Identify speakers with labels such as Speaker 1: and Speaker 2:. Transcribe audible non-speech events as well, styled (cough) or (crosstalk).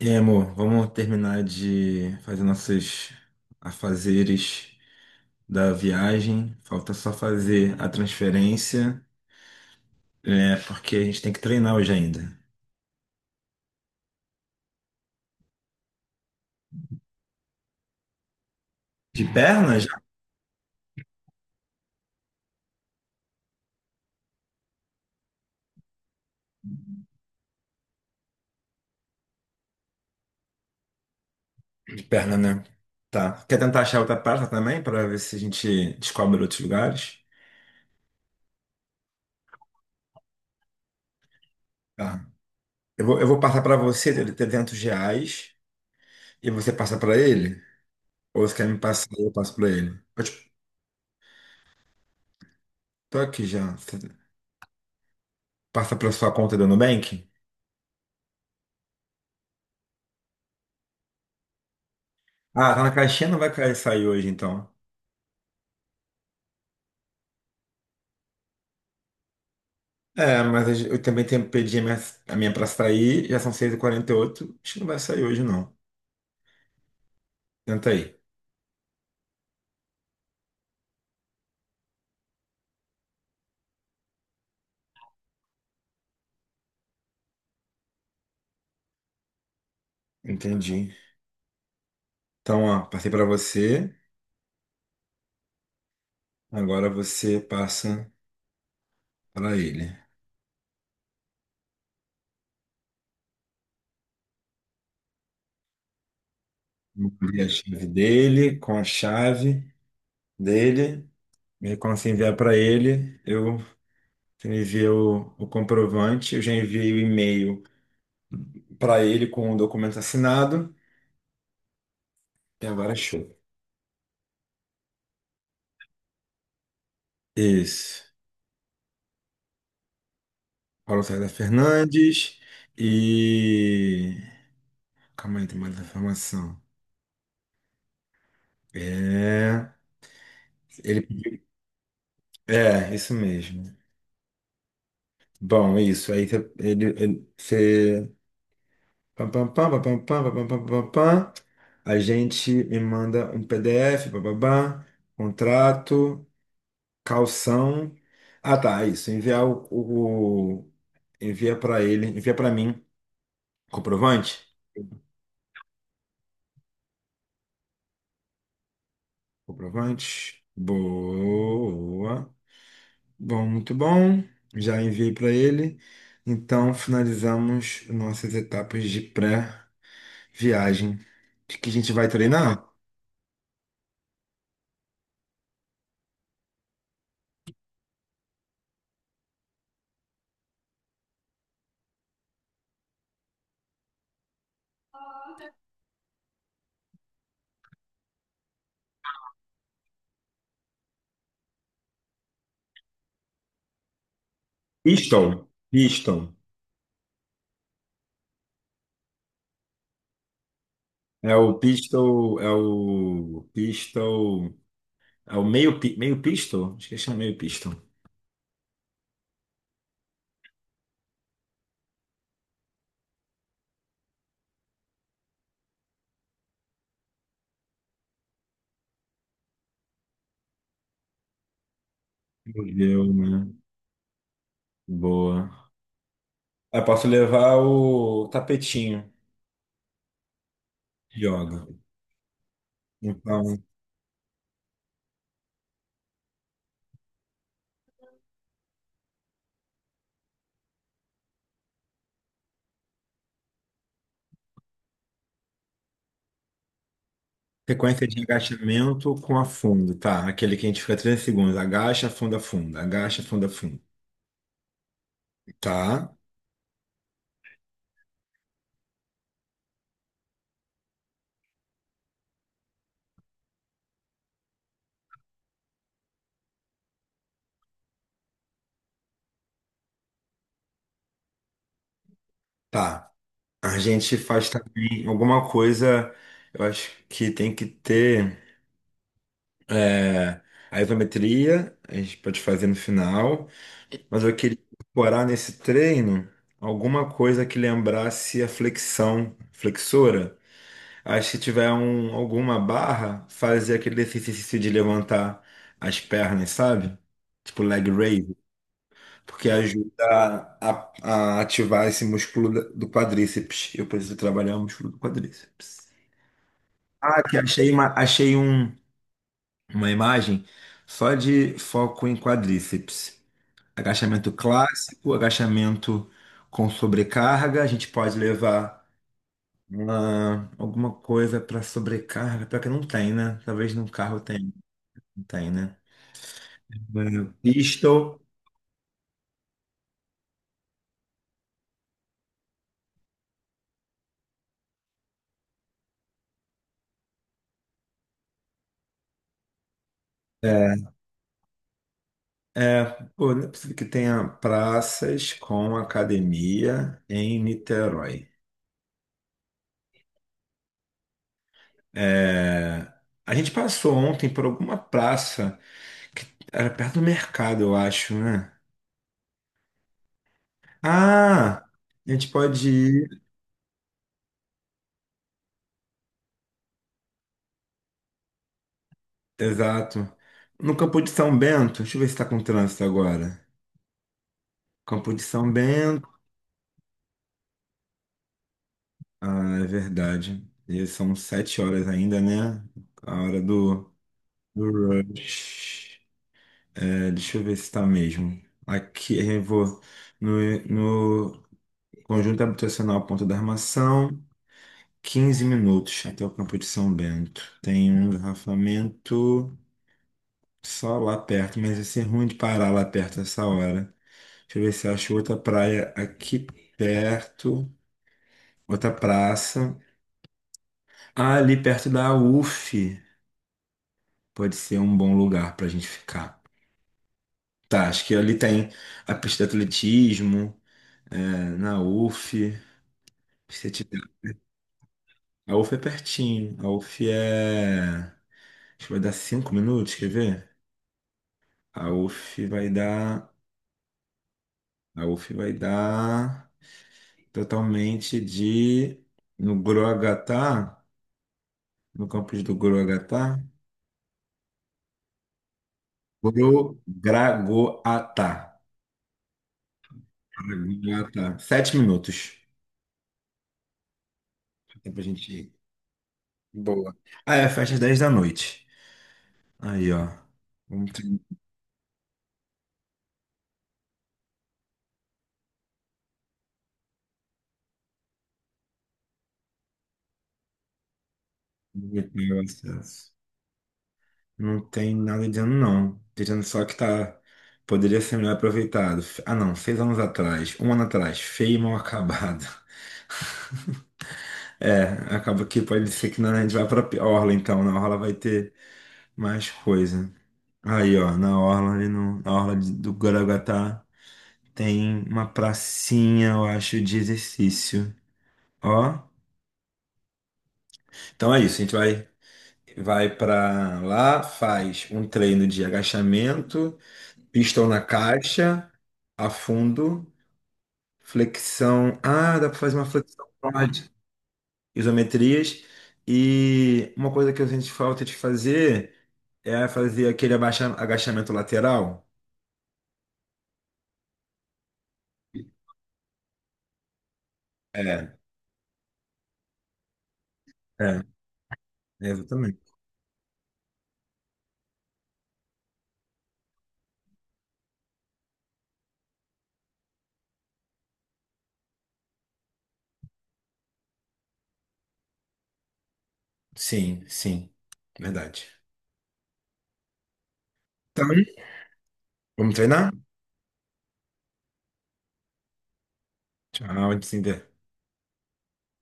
Speaker 1: E aí, amor, vamos terminar de fazer nossos afazeres da viagem. Falta só fazer a transferência, porque a gente tem que treinar hoje ainda. De perna já? De perna, né? Tá. Quer tentar achar outra praça também, para ver se a gente descobre outros lugares? Tá. Eu vou passar para você, ele R$ 300, e você passa para ele? Ou você quer me passar e eu passo para ele? Tô aqui já. Você passa para sua conta do Nubank? Ah, tá na caixinha, não vai sair hoje, então. É, mas eu também tenho, pedi a minha pra sair, já são 6 e 48, acho que não vai sair hoje, não. Tenta aí. Entendi. Então, ó, passei pra você, agora você passa pra ele. Envia a chave dele, com a chave dele, e aí quando você enviar pra ele, eu você envia o comprovante, eu já enviei o e-mail pra ele com o documento assinado, e agora é show. Isso. Paulo César Fernandes e. Calma aí, tem mais informação. É. Ele pediu. É, isso mesmo. Bom, é isso. Aí você. Você. Pam, pam, pam, pam, pam, pam, pam, pam, pam, pam. A gente me manda um PDF, bababá, contrato, calção. Ah, tá, é isso. Enviar envia para ele, envia para mim. Comprovante? Comprovante. Boa. Bom, muito bom. Já enviei para ele. Então, finalizamos nossas etapas de pré-viagem. De que a gente vai treinar? Pistol. Pistol. É o pistol. É o pistol. É o meio, meio pistol? Acho que chama meio pistol. Meu, né? Boa. Eu posso levar o tapetinho de yoga. Então, sequência de agachamento com afundo, tá? Aquele que a gente fica 3 segundos. Agacha, afunda, afunda. Agacha, afunda, afunda. Tá, tá. A gente faz também alguma coisa, eu acho que tem que ter é, a isometria, a gente pode fazer no final, mas eu queria incorporar nesse treino alguma coisa que lembrasse a flexão, flexora. Aí se tiver alguma barra, fazer aquele exercício de levantar as pernas, sabe? Tipo leg raise. Porque ajuda a ativar esse músculo do quadríceps. Eu preciso trabalhar o músculo do quadríceps. Ah, que achei uma, achei um, uma imagem só de foco em quadríceps. Agachamento clássico, agachamento com sobrecarga. A gente pode levar alguma coisa para sobrecarga, pior que não tem, né? Talvez no carro tenha, não tem, né? Pistol. é, É, pô, não é possível que tenha praças com academia em Niterói. É, a gente passou ontem por alguma praça que era perto do mercado, eu acho, né? Ah, a gente pode ir, exato, no Campo de São Bento. Deixa eu ver se está com trânsito agora. Campo de São Bento. Ah, é verdade. E são 7 horas ainda, né? A hora do rush. É, deixa eu ver se está mesmo. Aqui eu vou no, no conjunto habitacional Ponta da Armação, 15 minutos até o Campo de São Bento. Tem um engarrafamento só lá perto, mas ia ser ruim de parar lá perto essa hora. Deixa eu ver se eu acho outra praia aqui perto, outra praça. Ah, ali perto da UF pode ser um bom lugar para a gente ficar. Tá, acho que ali tem a pista de atletismo, na UF. Se tiver, a UF é pertinho. A UF é. Acho que vai dar 5 minutos, quer ver? A UF vai dar. A UF vai dar totalmente de. No Guruagatá, no campus do Guruagatá. Gurugragoatá. Gragoatá. 7 minutos. Dá pra gente ir. Boa. Ah, é, fecha às 10 da noite. Aí, ó. Vamos ter vamos ter o acesso. Não tem nada de ano, não. Dizendo só que tá. Poderia ser melhor aproveitado. Ah, não, 6 anos atrás, um ano atrás, feio e mal acabado. (laughs) É, acaba que pode ser que a gente vai pra Orla, então. Na Orla vai ter mais coisa. Aí, ó, na Orla, ali no, na Orla do Guaraguatá, tem uma pracinha, eu acho, de exercício. Ó, então é isso, a gente vai, pra lá, faz um treino de agachamento, pistão na caixa, afundo, flexão. Ah, dá para fazer uma flexão, pode, isometrias. E uma coisa que eu sinto falta de fazer é fazer aquele agachamento lateral. É, é, exatamente. Sim, sim. Verdade. Então, vamos treinar? Tchau, Tinder.